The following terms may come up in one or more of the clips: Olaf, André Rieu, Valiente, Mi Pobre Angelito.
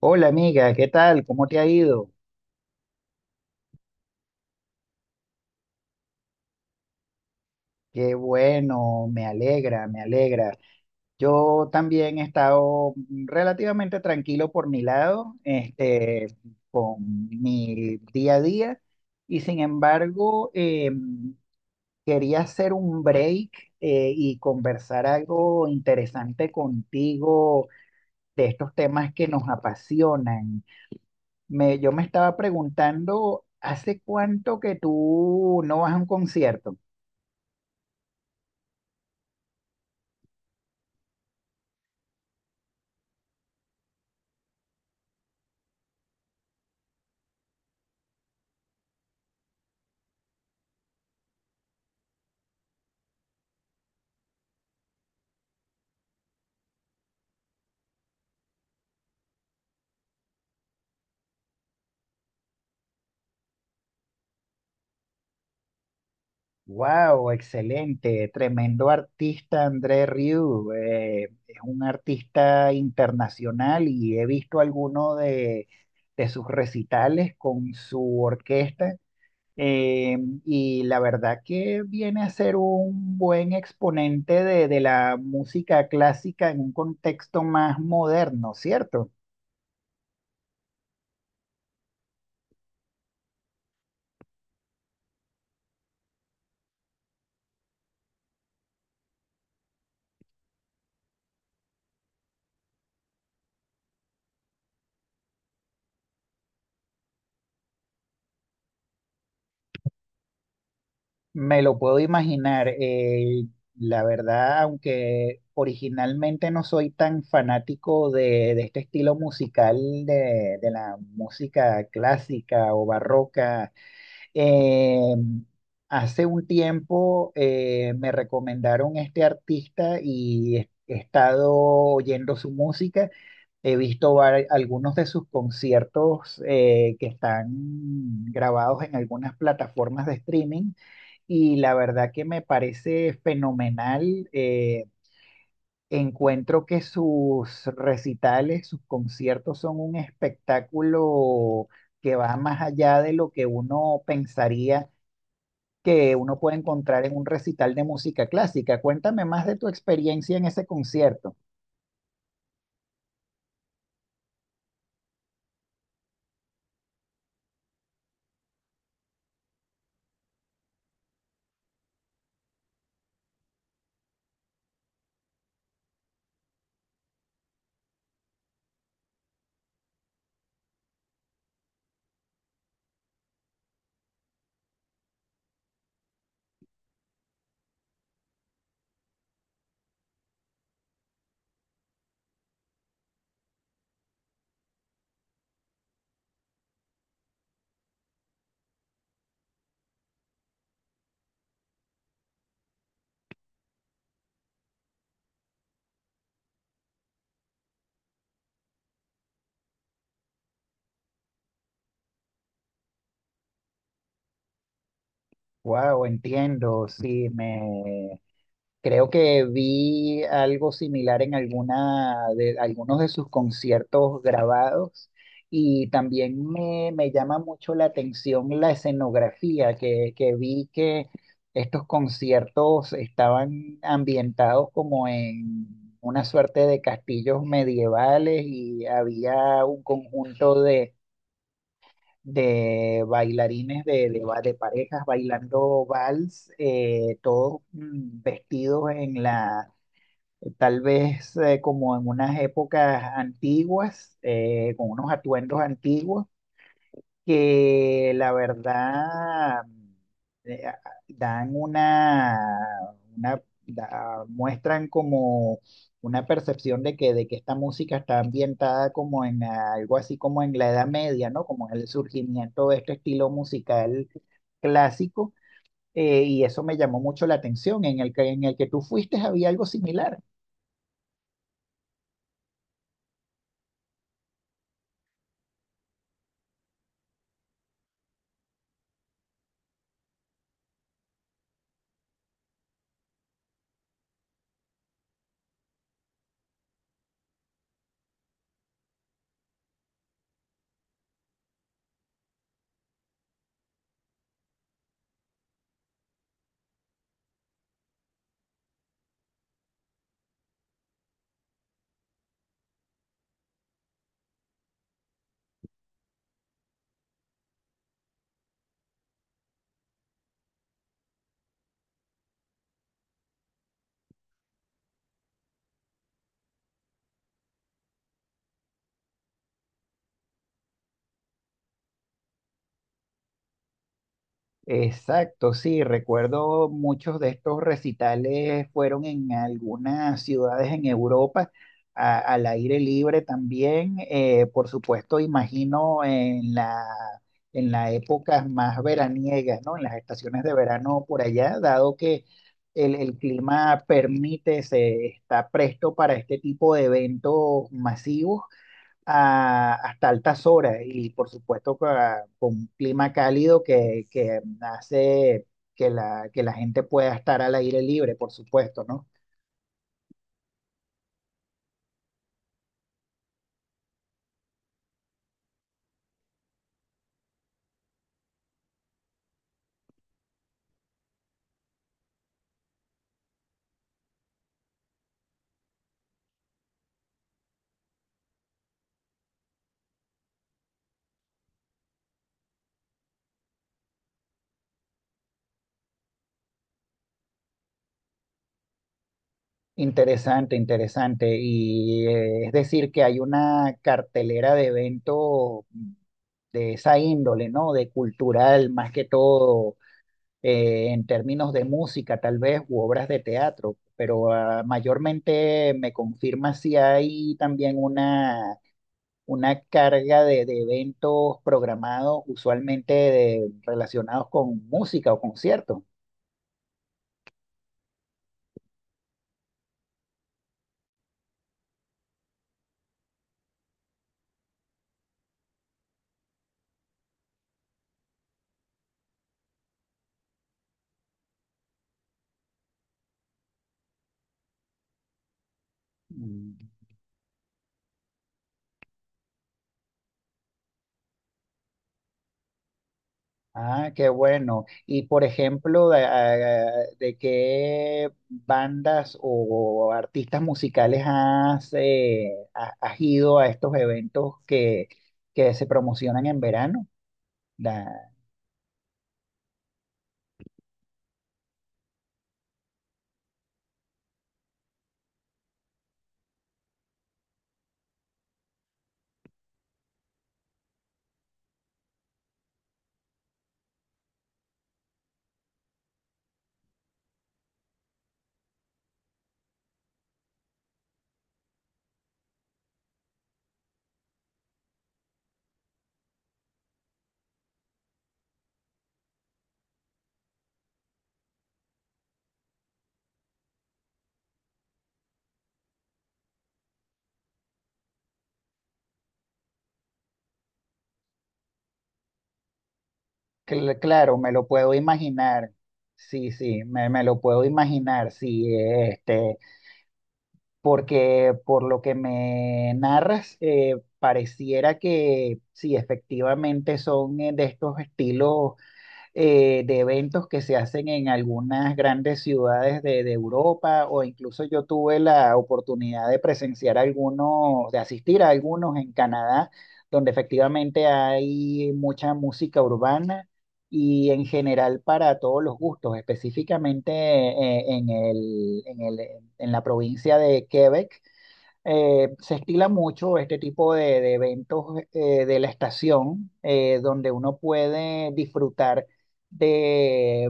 Hola amiga, ¿qué tal? ¿Cómo te ha ido? Qué bueno, me alegra, me alegra. Yo también he estado relativamente tranquilo por mi lado, este, con mi día a día, y sin embargo, quería hacer un break, y conversar algo interesante contigo de estos temas que nos apasionan. Yo me estaba preguntando, ¿hace cuánto que tú no vas a un concierto? Wow, excelente, tremendo artista André Rieu. Es un artista internacional y he visto alguno de sus recitales con su orquesta. eh, y la verdad que viene a ser un buen exponente de la música clásica en un contexto más moderno, ¿cierto? Me lo puedo imaginar. La verdad, aunque originalmente no soy tan fanático de este estilo musical de la música clásica o barroca, eh, hace un tiempo me recomendaron este artista y he estado oyendo su música. He visto algunos de sus conciertos que están grabados en algunas plataformas de streaming y la verdad que me parece fenomenal. Encuentro que sus recitales, sus conciertos son un espectáculo que va más allá de lo que uno pensaría que uno puede encontrar en un recital de música clásica. Cuéntame más de tu experiencia en ese concierto. Wow, entiendo, sí, me creo que vi algo similar en alguna de algunos de sus conciertos grabados y también me llama mucho la atención la escenografía que vi que estos conciertos estaban ambientados como en una suerte de castillos medievales y había un conjunto de, bailarines de parejas bailando vals, todos vestidos en la tal vez como en unas épocas antiguas, con unos atuendos antiguos, que la verdad eh, a- dan una, una muestran como una percepción de que esta música está ambientada como en algo así como en la Edad Media, ¿no? Como en el surgimiento de este estilo musical clásico, y eso me llamó mucho la atención. En el que tú fuiste había algo similar. Exacto, sí, recuerdo muchos de estos recitales fueron en algunas ciudades en Europa, al aire libre también, por supuesto, imagino en la, en las épocas más veraniegas, ¿no? En las estaciones de verano por allá, dado que el clima permite, se está presto para este tipo de eventos masivos hasta altas horas y por supuesto un clima cálido que hace que que la gente pueda estar al aire libre, por supuesto, ¿no? Interesante, interesante. Y es decir, que hay una cartelera de eventos de esa índole, ¿no? De cultural, más que todo, en términos de música, tal vez, u obras de teatro. Pero ah, mayormente me confirma si hay también una carga de eventos programados, usualmente relacionados con música o conciertos. Mm. Ah, qué bueno. Y por ejemplo, de qué bandas o artistas musicales has ido a estos eventos que se promocionan en verano? Da- cl- claro, me lo puedo imaginar. Sí, sí, me lo puedo imaginar. Sí, este. Porque por lo que me narras, pareciera que sí, efectivamente son de estos estilos de eventos que se hacen en algunas grandes ciudades de Europa o incluso yo tuve la oportunidad de presenciar algunos, de asistir a algunos en Canadá, donde efectivamente hay mucha música urbana y en general para todos los gustos, específicamente en la provincia de Quebec se estila mucho este tipo de eventos de la estación, donde uno puede disfrutar de,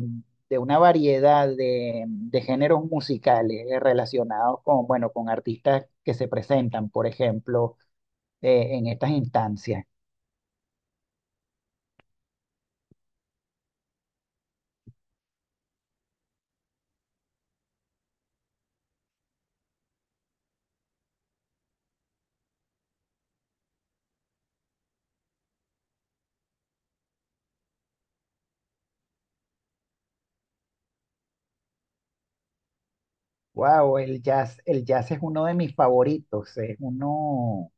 de una variedad de géneros musicales relacionados con, bueno, con artistas que se presentan, por ejemplo, en estas instancias. Wow, el jazz es uno de mis favoritos, es uno,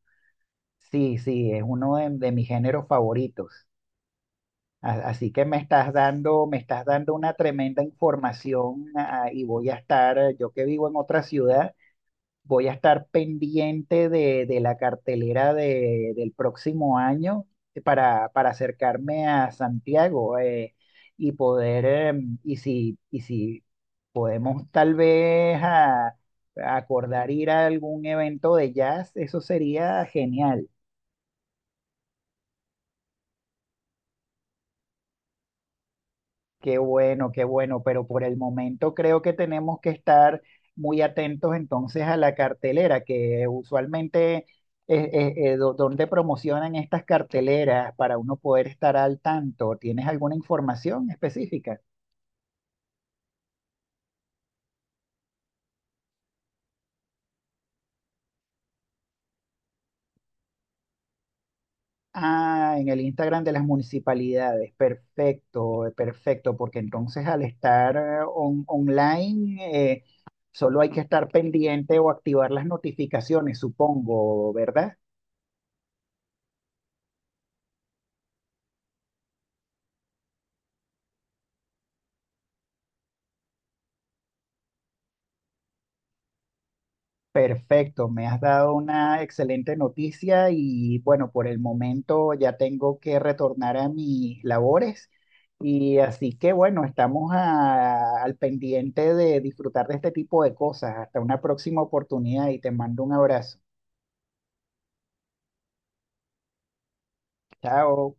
sí, sí, es uno de mis géneros favoritos. Así que me estás dando una tremenda información, ah, y voy a estar, yo que vivo en otra ciudad, voy a estar pendiente de la cartelera del próximo año para acercarme a Santiago, y poder, y y si podemos tal vez ah, acordar ir a algún evento de jazz, eso sería genial. Qué bueno, pero por el momento creo que tenemos que estar muy atentos entonces a la cartelera, que usualmente dónde promocionan estas carteleras para uno poder estar al tanto. ¿Tienes alguna información específica? Ah, en el Instagram de las municipalidades. Perfecto, perfecto, porque entonces al estar online solo hay que estar pendiente o activar las notificaciones, supongo, ¿verdad? Perfecto, me has dado una excelente noticia y bueno, por el momento ya tengo que retornar a mis labores y así que bueno, estamos al pendiente de disfrutar de este tipo de cosas. Hasta una próxima oportunidad y te mando un abrazo. Chao.